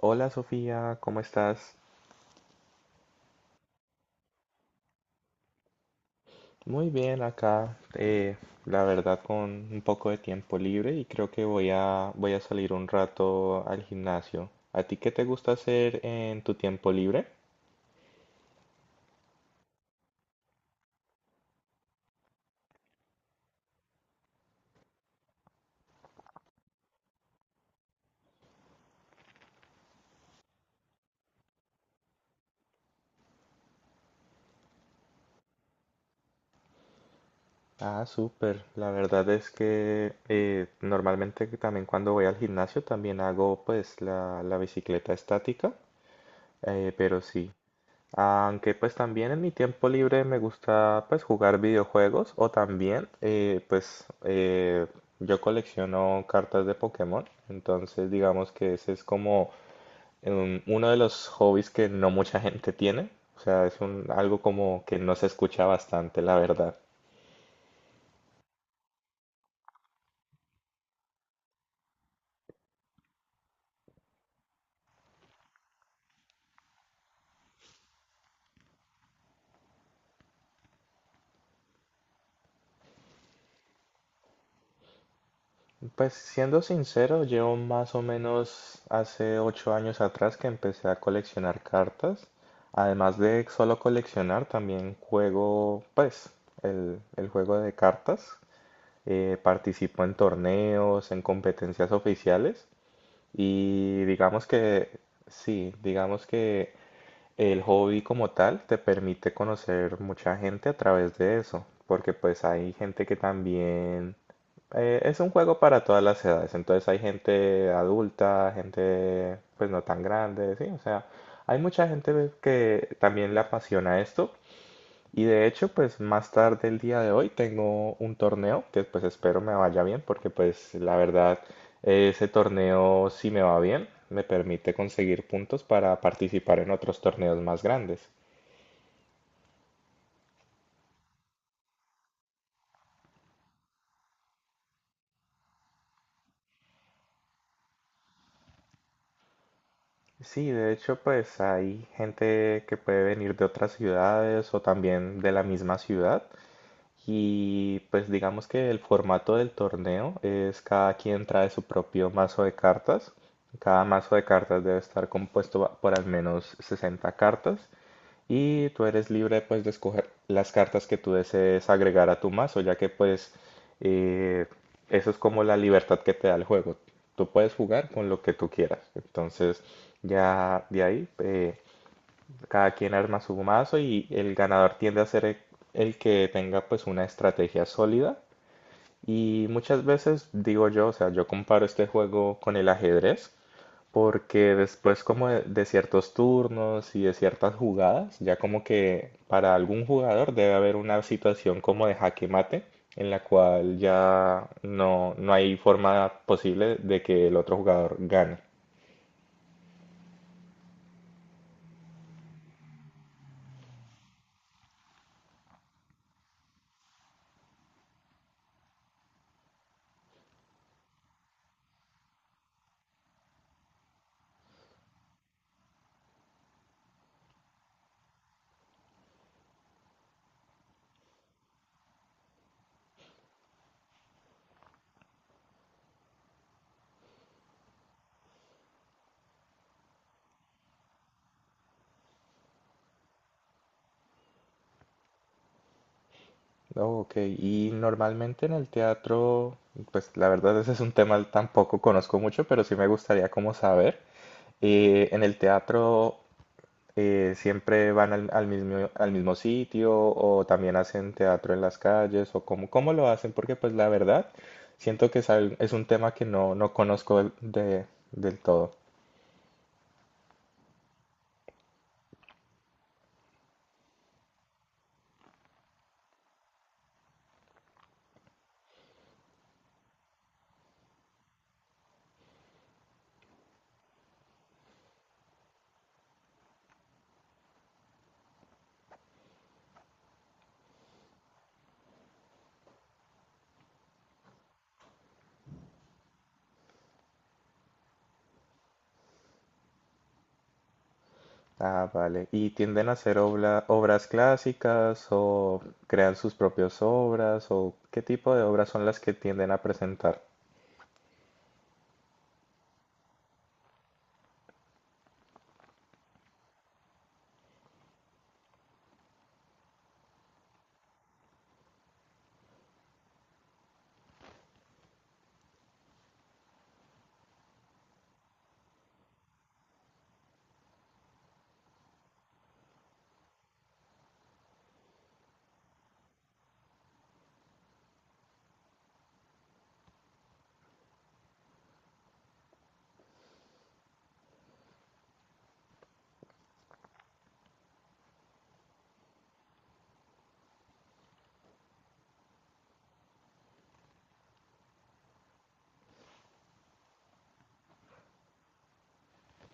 Hola Sofía, ¿cómo estás? Muy bien acá, la verdad con un poco de tiempo libre y creo que voy a salir un rato al gimnasio. ¿A ti qué te gusta hacer en tu tiempo libre? Ah, súper. La verdad es que normalmente que también cuando voy al gimnasio también hago pues la bicicleta estática, pero sí. Aunque pues también en mi tiempo libre me gusta pues jugar videojuegos o también yo colecciono cartas de Pokémon, entonces digamos que ese es como uno de los hobbies que no mucha gente tiene, o sea, es algo como que no se escucha bastante, la verdad. Pues siendo sincero, yo más o menos hace 8 años atrás que empecé a coleccionar cartas. Además de solo coleccionar, también juego, pues, el juego de cartas. Participo en torneos, en competencias oficiales. Y digamos que sí, digamos que el hobby como tal te permite conocer mucha gente a través de eso, porque pues hay gente que también es un juego para todas las edades, entonces hay gente adulta, gente pues no tan grande, sí, o sea, hay mucha gente que también le apasiona esto y de hecho, pues más tarde el día de hoy tengo un torneo que pues espero me vaya bien, porque pues la verdad ese torneo si me va bien me permite conseguir puntos para participar en otros torneos más grandes. Sí, de hecho pues hay gente que puede venir de otras ciudades o también de la misma ciudad. Y pues digamos que el formato del torneo es cada quien trae su propio mazo de cartas. Cada mazo de cartas debe estar compuesto por al menos 60 cartas y tú eres libre pues de escoger las cartas que tú desees agregar a tu mazo, ya que pues eh, eso es como la libertad que te da el juego. Tú puedes jugar con lo que tú quieras. Entonces ya de ahí cada quien arma su mazo y el ganador tiende a ser el que tenga pues una estrategia sólida. Y muchas veces digo yo, o sea, yo comparo este juego con el ajedrez, porque después como de ciertos turnos y de ciertas jugadas, ya como que para algún jugador debe haber una situación como de jaque mate, en la cual ya no, no hay forma posible de que el otro jugador gane. Oh, ok, y normalmente en el teatro, pues la verdad ese es un tema tampoco conozco mucho, pero sí me gustaría como saber. En el teatro siempre van al mismo sitio, o también hacen teatro en las calles, o cómo, cómo lo hacen, porque pues la verdad siento que es, es un tema que no, no conozco del todo. Ah, vale. ¿Y tienden a hacer obras clásicas o crean sus propias obras o qué tipo de obras son las que tienden a presentar?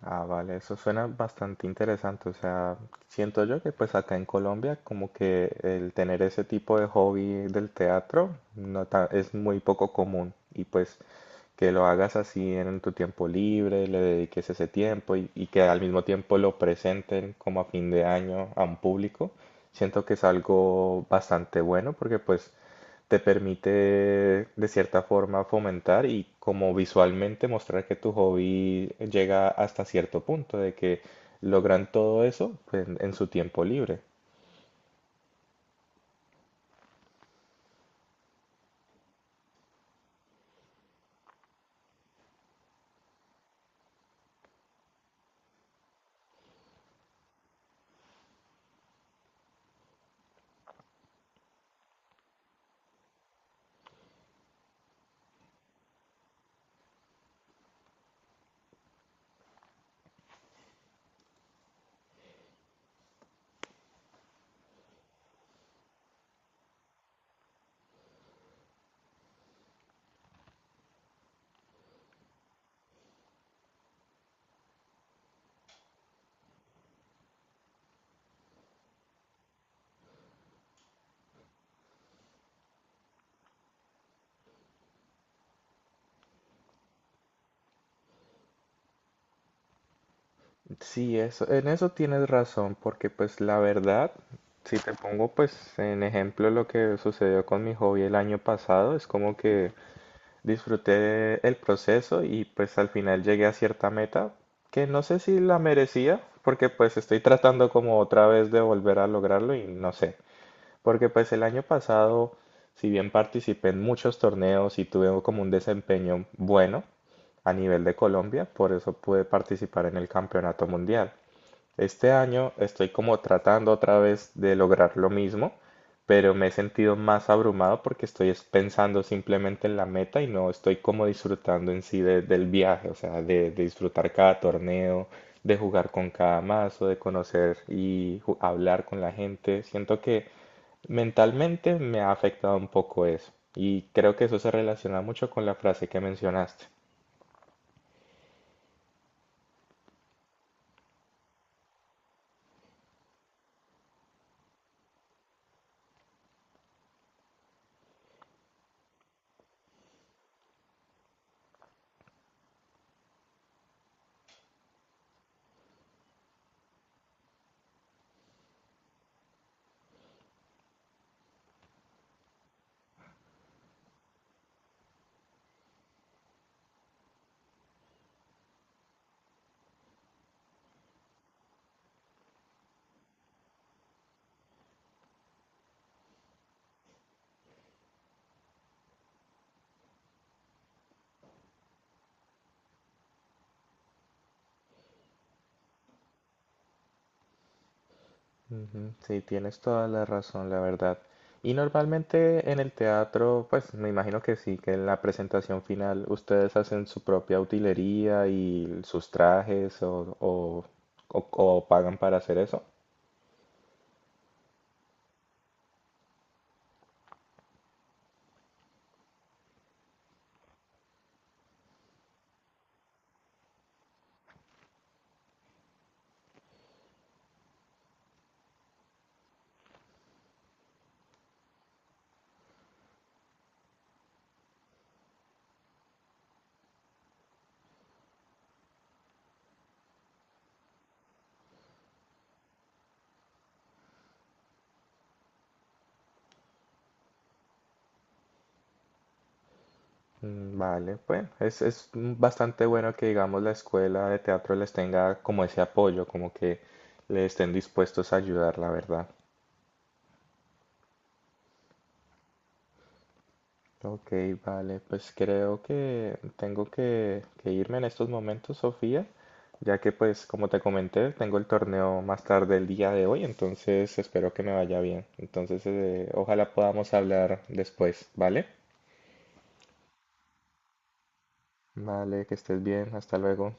Ah, vale, eso suena bastante interesante. O sea, siento yo que pues acá en Colombia como que el tener ese tipo de hobby del teatro no ta- es muy poco común. Y pues que lo hagas así en tu tiempo libre, le dediques ese tiempo y que al mismo tiempo lo presenten como a fin de año a un público, siento que es algo bastante bueno porque pues te permite de cierta forma fomentar y como visualmente mostrar que tu hobby llega hasta cierto punto, de que logran todo eso pues, en su tiempo libre. Sí, eso, en eso tienes razón, porque pues la verdad, si te pongo pues en ejemplo lo que sucedió con mi hobby el año pasado, es como que disfruté el proceso y pues al final llegué a cierta meta que no sé si la merecía, porque pues estoy tratando como otra vez de volver a lograrlo y no sé, porque pues el año pasado, si bien participé en muchos torneos y tuve como un desempeño bueno a nivel de Colombia, por eso pude participar en el campeonato mundial. Este año estoy como tratando otra vez de lograr lo mismo, pero me he sentido más abrumado porque pensando simplemente en la meta y no estoy como disfrutando en sí del viaje, o sea, de disfrutar cada torneo, de jugar con cada mazo, de conocer y hablar con la gente. Siento que mentalmente me ha afectado un poco eso y creo que eso se relaciona mucho con la frase que mencionaste. Ujú, sí, tienes toda la razón, la verdad. Y normalmente en el teatro, pues me imagino que sí, que en la presentación final ustedes hacen su propia utilería y sus trajes o pagan para hacer eso. Mm, vale, pues es bastante bueno que digamos la escuela de teatro les tenga como ese apoyo, como que le estén dispuestos a ayudar, la verdad. Ok, vale, pues creo que que irme en estos momentos, Sofía, ya que pues como te comenté, tengo el torneo más tarde el día de hoy, entonces espero que me vaya bien. Entonces, ojalá podamos hablar después, ¿vale? Vale, que estés bien, hasta luego.